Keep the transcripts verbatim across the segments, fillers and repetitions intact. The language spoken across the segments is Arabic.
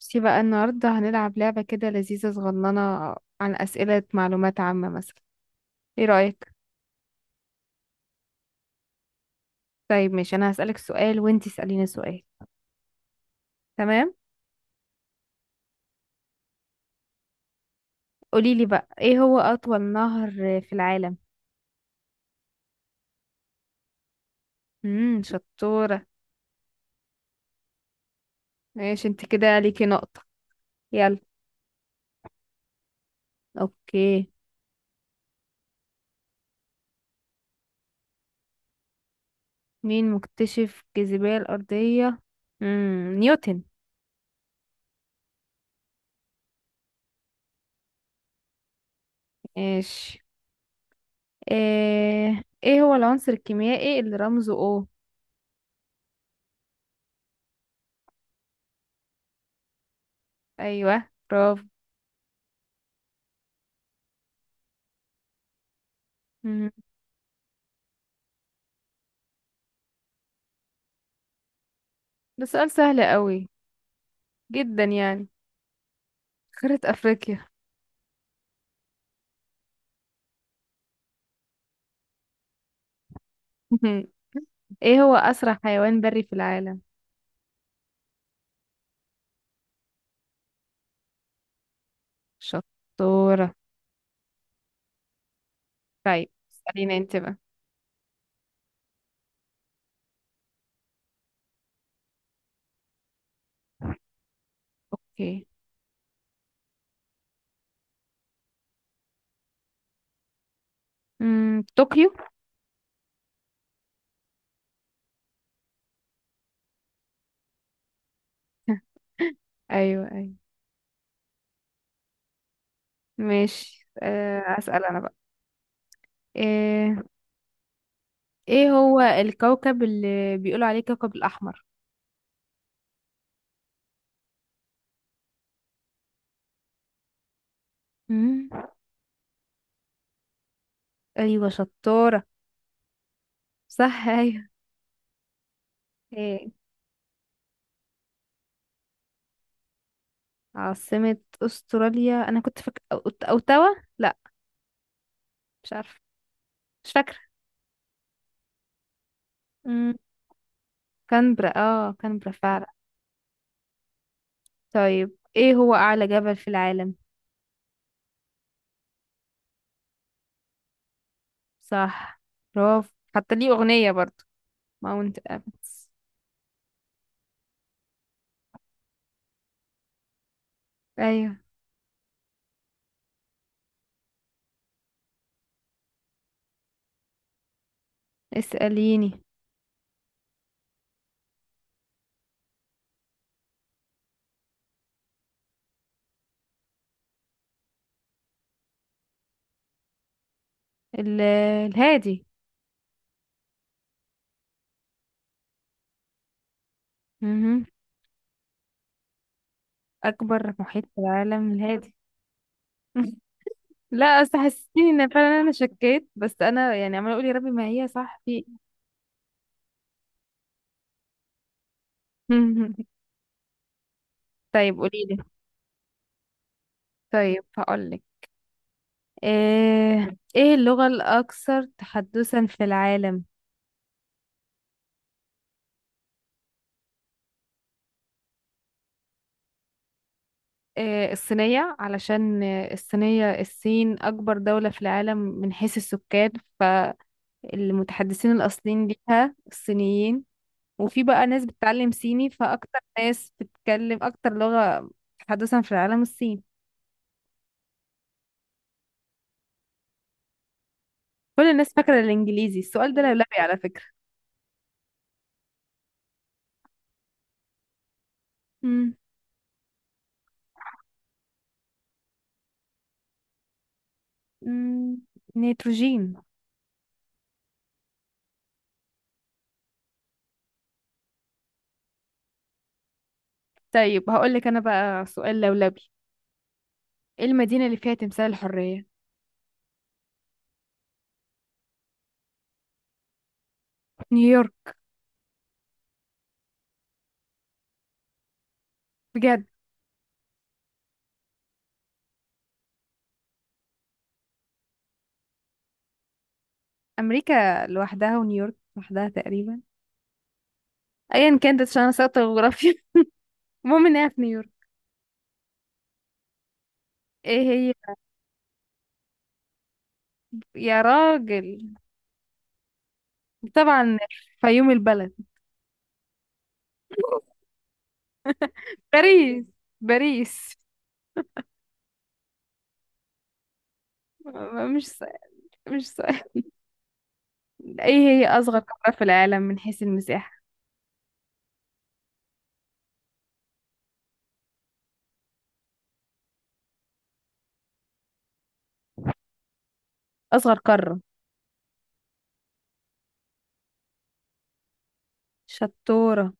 بصي بقى النهاردة هنلعب لعبة كده لذيذة صغننة عن أسئلة معلومات عامة مثلا. ايه رأيك؟ طيب ماشي، أنا هسألك سؤال وانتي اسأليني سؤال. تمام؟ قوليلي بقى ايه هو أطول نهر في العالم؟ امم شطورة. ماشي، انت كده ليكي نقطة. يلا. اوكي. مين مكتشف الجاذبية الأرضية؟ امم نيوتن. ماشي. ايه ايه هو العنصر الكيميائي اللي رمزه O؟ ايوه برافو. مم، ده سؤال سهل قوي جدا يعني. قارة أفريقيا. ايه هو أسرع حيوان بري في العالم؟ شطورة. طيب اسأليني انت بقى. اوكي. امم طوكيو. ايوه ايوه. ماشي، آه، أسأل انا بقى. ايه ايه هو الكوكب اللي بيقولوا عليه كوكب الأحمر؟ مم. ايوه شطورة. صح ايوه. ايه عاصمة استراليا؟ انا كنت فاكرة اوتاوا، لا، مش عارفة، مش فاكرة. مم. كانبرا، اه، كانبرا فعلا. طيب ايه هو اعلى جبل في العالم؟ صح. برافو، حتى ليه اغنية برضو، ماونت ابس. ايوه. اسأليني. ال- آه، الهادي. مهم. اكبر محيط في العالم الهادي. لا، اصل حسيتيني ان فعلا انا شكيت، بس انا يعني عماله اقول يا ربي ما هي صح في. طيب قولي لي. طيب هقول لك. ايه ايه اللغة الاكثر تحدثا في العالم؟ آه، الصينية، علشان آه، الصينية الصين أكبر دولة في العالم من حيث السكان، فالمتحدثين الأصليين ليها الصينيين. وفي بقى ناس بتتعلم صيني، فأكتر ناس بتتكلم أكتر لغة تحدثا في العالم الصين. كل الناس فاكرة الإنجليزي. السؤال ده لولبي على فكرة. مم. مم. نيتروجين. طيب هقولك أنا بقى سؤال لولبي. إيه المدينة اللي فيها تمثال الحرية؟ نيويورك. بجد. أمريكا لوحدها ونيويورك لوحدها تقريبا، ايا كانت، عشان انا ساقطة جغرافيا. المهم انها في نيويورك. ايه هي. يا راجل، طبعا، فيوم البلد. باريس. باريس. مش سهل. مش سهل. ايه هي اصغر قارة في العالم من حيث المساحة؟ اصغر قارة. شطورة.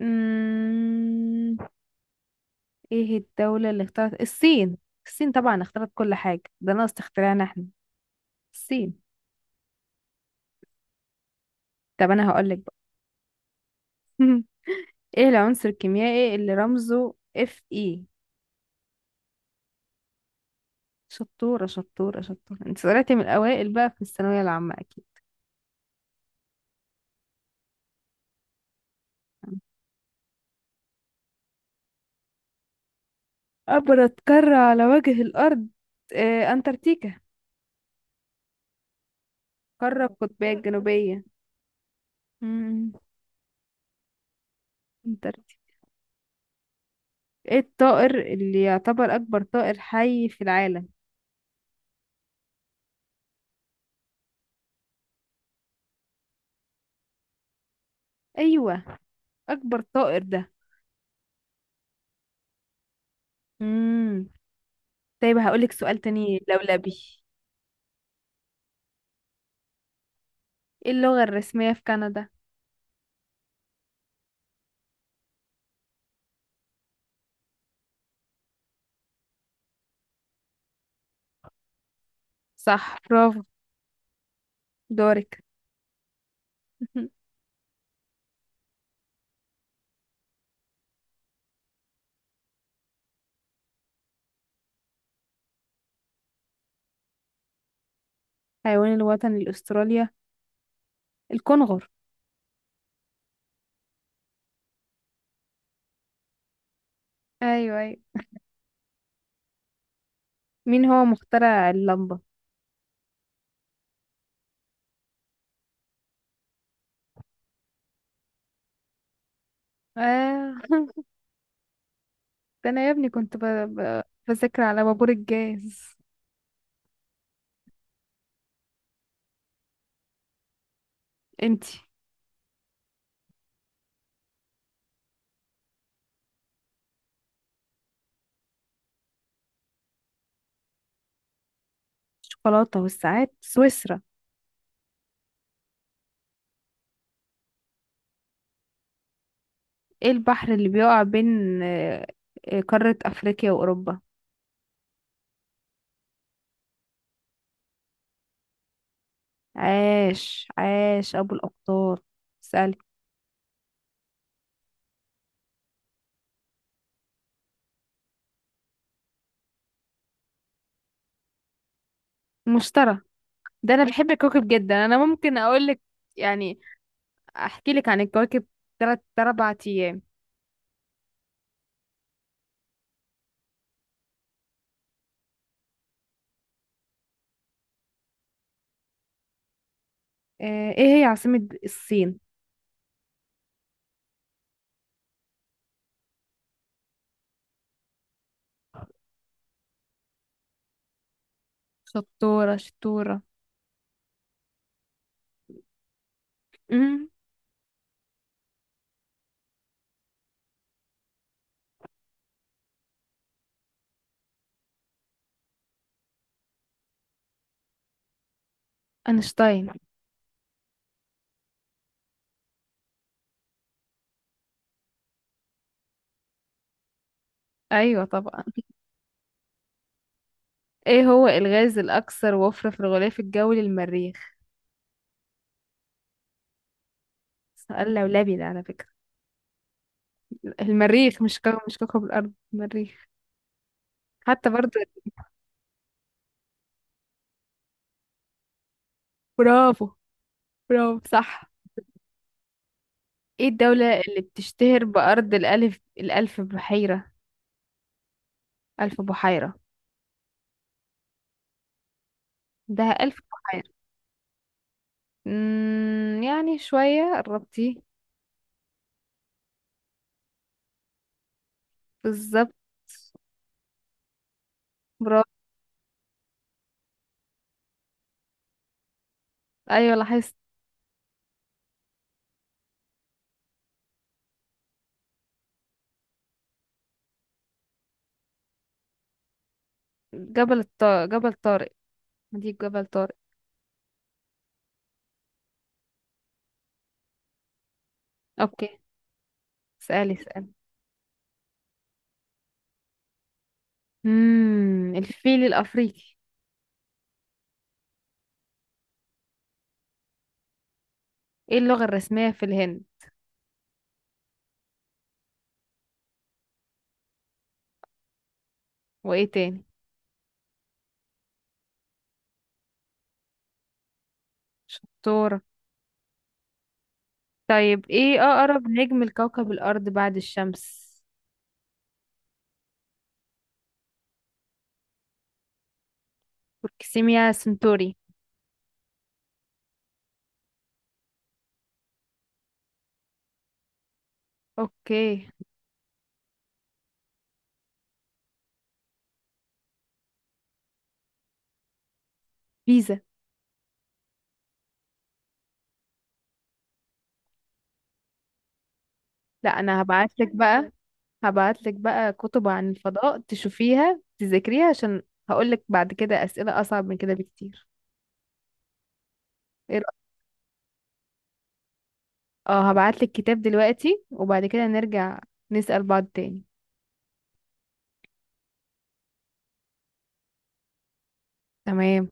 أمم، ايه الدولة اللي اخترعت؟ الصين. الصين طبعا اخترعت كل حاجة، ده ناقص اختراعنا احنا. الصين. طب انا هقولك بقى. ايه العنصر الكيميائي اللي رمزه اف اي؟ شطورة شطورة شطورة، انت طلعتي من الأوائل بقى في الثانوية العامة أكيد. أبرد قارة على وجه الأرض. آه، أنتاركتيكا. قارة القطبية الجنوبية. مم. انتاركتيكا. ايه الطائر اللي يعتبر أكبر طائر حي في العالم؟ أيوة. أكبر طائر ده. مم. طيب هقولك سؤال تاني لولبي. ايه اللغة الرسمية في كندا؟ صح برافو. دورك. حيوان الوطني لأستراليا، الكنغر. أيوة أيوة. مين هو مخترع اللمبة؟ آه. ده انا يا ابني كنت ب... ب... بذاكر على بابور الجاز. انتي. الشوكولاتة والساعات سويسرا. ايه البحر اللي بيقع بين آه، آه، قارة افريقيا واوروبا؟ عاش عاش ابو الاقطار. اسألي. مشتري. ده انا بحب الكواكب جدا، انا ممكن اقول لك يعني، احكي لك عن الكواكب تلات اربع ايام. آه، ايه هي عاصمة الصين؟ شطورة شطورة. امم. اينشتاين. ايوه طبعا. ايه هو الغاز الاكثر وفرة في الغلاف الجوي للمريخ؟ سؤال لولبي ده على فكرة. المريخ مش كوكب، مش كوكب الارض المريخ، حتى برضو. برافو. برافو صح. ايه الدولة اللي بتشتهر بأرض الألف الألف بحيرة؟ ألف بحيرة. ده ألف بحيرة. مم يعني شوية قربتي. بالظبط. برافو. أيوة لاحظت. جبل الطارق، جبل طارق. دي جبل طارق. أوكي. اسألي اسألي. مم الفيل الأفريقي. ايه اللغة الرسمية في الهند؟ وايه تاني؟ شطورة. طيب ايه اقرب نجم لكوكب الارض بعد الشمس؟ بروكسيميا سنتوري. اوكي. بيزا. لا انا هبعتلك بقى. هبعتلك بقى كتب عن الفضاء تشوفيها تذاكريها، عشان هقولك بعد كده اسئلة اصعب من كده بكتير. ايه رأيك؟ اه هبعتلك كتاب دلوقتي، وبعد كده نرجع نسأل بعض تاني. تمام.